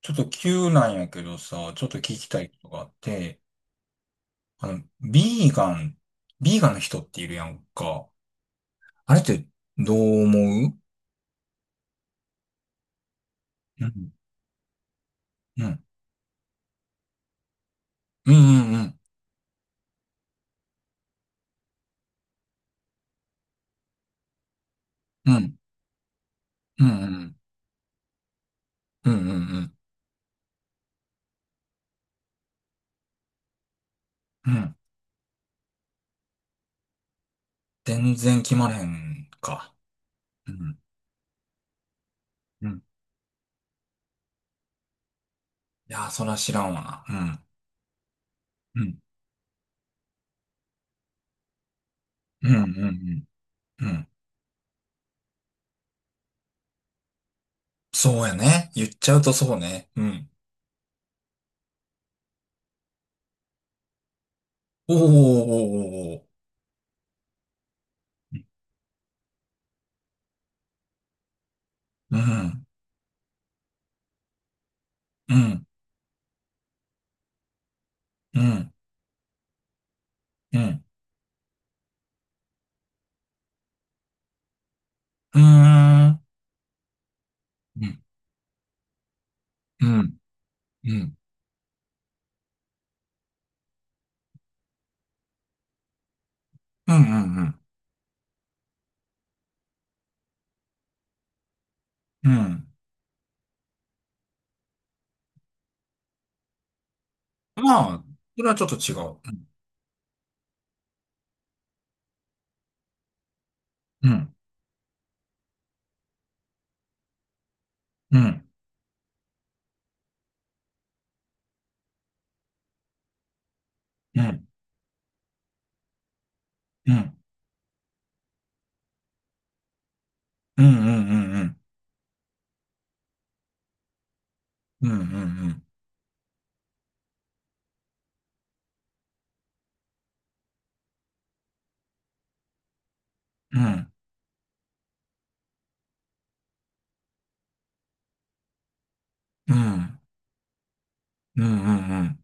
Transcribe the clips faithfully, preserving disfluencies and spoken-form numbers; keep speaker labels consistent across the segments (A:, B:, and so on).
A: ちょっと急なんやけどさ、ちょっと聞きたいことがあって、あの、ビーガン、ビーガンの人っているやんか。あれってどう思う？うん、うん、うん、うん、うん、うん、うん、うん、うん、うん、うん。全然決まれへんか。うん、うん。いやー、そら知らんわな。うん、うん、うん、うん、うんうん。うん、そうやね。言っちゃうとそうね。うん。おーおーおーおーおー。うん、うん、うん、うん、うーん。うんうん、うん、うん、うん、うん。うん、まあ、それはちょっと違う。うん、うん、うん、うん、うん、うん、うん、うん、うん、うん、うん、うん、うん、うん、うん。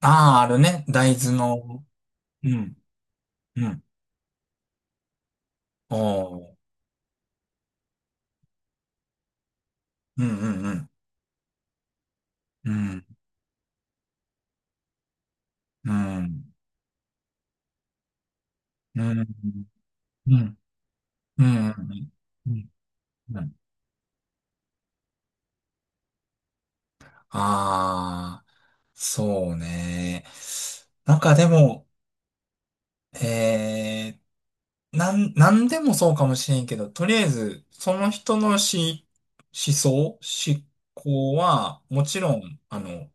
A: ああ、あるね。大豆の。うん、うん。おー。うん、うん、うん、うん、うん、うん、うん、うん、うん、うん、うん。ああ、そうね。なんかでも、えーなん、なんでもそうかもしれんけど、とりあえず、その人のし、思想、思考は、もちろん、あの、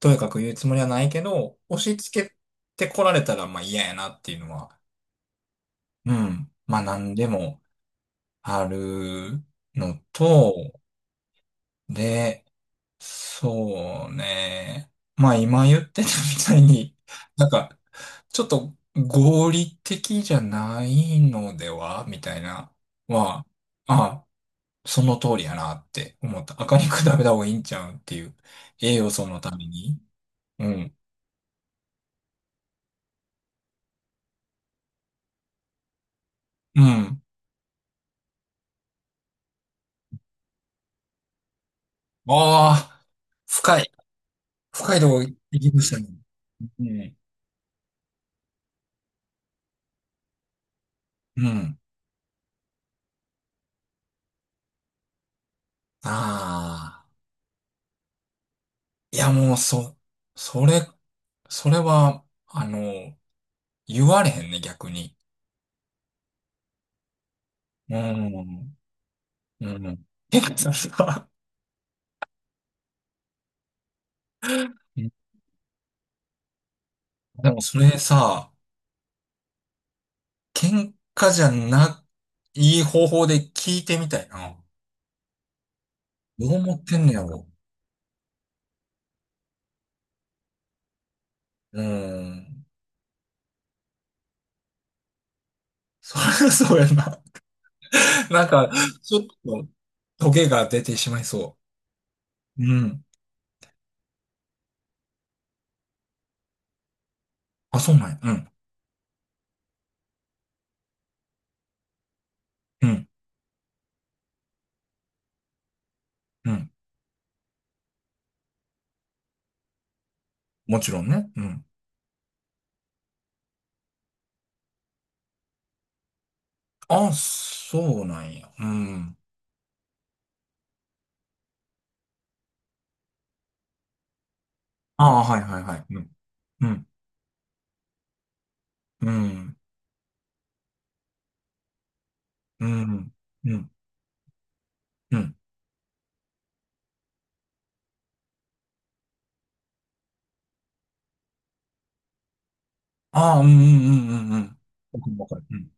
A: とやかく言うつもりはないけど、押し付けてこられたら、まあ嫌やなっていうのは、うん、まあなんでもあるのと、で、そうね。まあ今言ってたみたいに、なんか、ちょっと合理的じゃないのではみたいな、は、あその通りやなって思った。赤肉食べた方がいいんちゃうんっていう。栄養素のために。うん。うん。ああ、深い。深いとこ行きましたね。うん。うん。ああ。いやもう、そ、それ、それは、あの、言われへんね、逆に。うん。うん。てかさ、さうん。 でもそれさ、喧嘩じゃない、い方法で聞いてみたいな。どう思ってんねやろ。うん。そりゃそうやな。なんか、ちょっと、トゲが出てしまいそう。うん。あ、そうなんや。うん。うん。うん。もちろんね。うん。あ、そうなんや。うん。ああ、はいはいはい。うん。うん。うん。うん。うん。うん。ああ、うんうんうんうんうん、僕もわかる。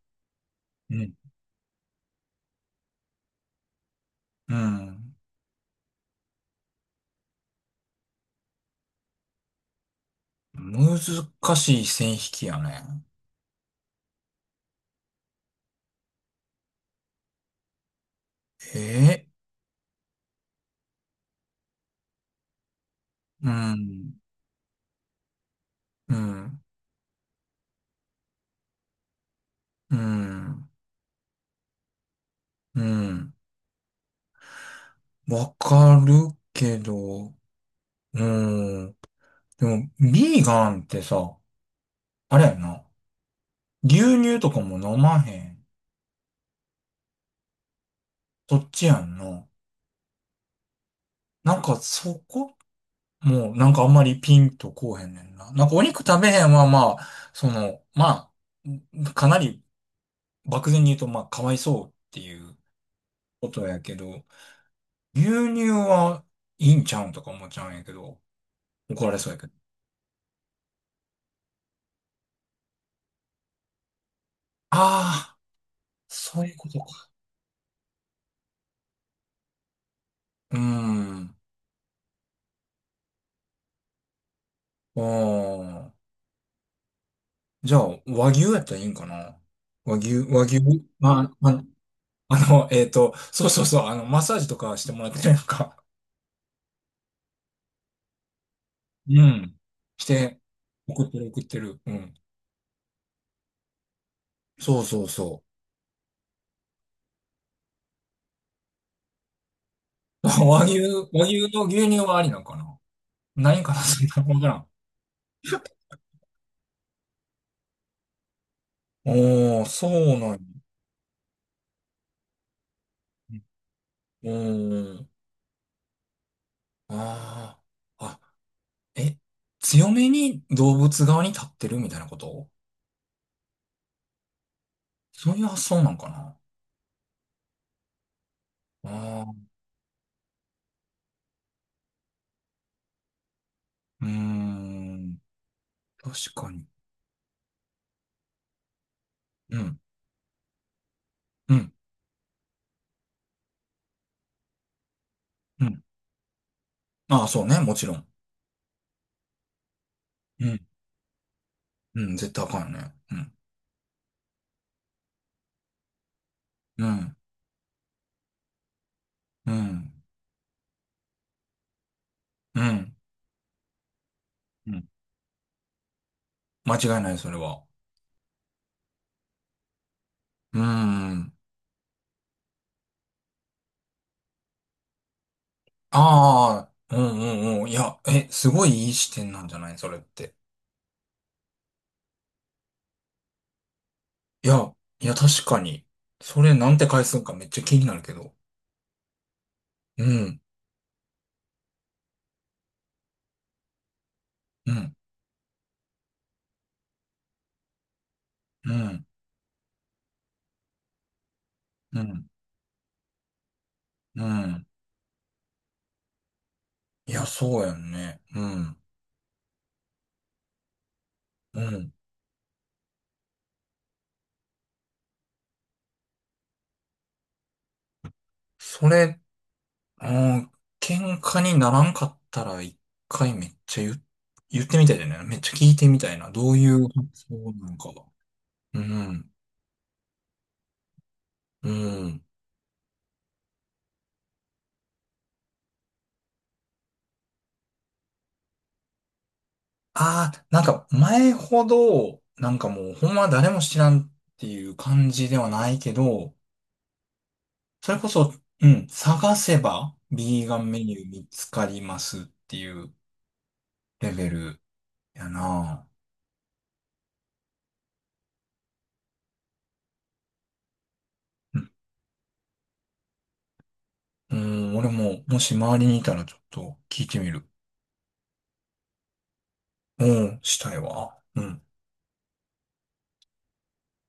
A: うん。うん。うん。難しい線引きやね。ええ、うん。うん。うん。うん。わかるけど、うん。でも、ビーガンってさ、あれやな。牛乳とかも飲まへん。そっちやんな。なんかそこもうなんかあんまりピンとこうへんねんな。なんかお肉食べへんはまあ、その、まあ、かなり漠然に言うと、まあ、かわいそうっていうことやけど、牛乳はいいんちゃうんとか思っちゃうんやけど、怒られそうやけど。ああ、そういうことか。うーん。ああ。じゃあ、和牛やったらいいんかな。和牛、和牛、まあ、ああの、えっと、そうそうそう、あの、マッサージとかしてもらってるやんか。うん。して、送ってる送ってる。うん。そうそうそう。和牛、和牛の牛乳はありなんかな。ないんかな。そんな、わからん。おー、そうなんや。うん。ああ。あ、え、強めに動物側に立ってるみたいなこと、そういう発想なんかな。ああー、うーん。確かに。うん。うん。うん。ああ、そうね。もちろん。うん。うん。絶対あかんよね。うん。うん。うん。うん。うん、間違いない、それは。うーん。ああ、うんうんうん。いや、え、すごいいい視点なんじゃないそれって。いや、いや、確かに。それなんて返すんかめっちゃ気になるけど。うん、うん、うん、うん、うん。いや、そうやんね。うん、うん。それ、うん、喧嘩にならんかったらいっかいめっちゃ言う、言ってみたいだよね。めっちゃ聞いてみたいな。どういう発想なのか。うん、うん。ああ、なんか前ほど、なんかもうほんま誰も知らんっていう感じではないけど、それこそ、うん、探せば、ビーガンメニュー見つかりますっていうレベルやな。うん、うん、俺も、もし周りにいたらちょっと聞いてみる。うん、したいわ。うん。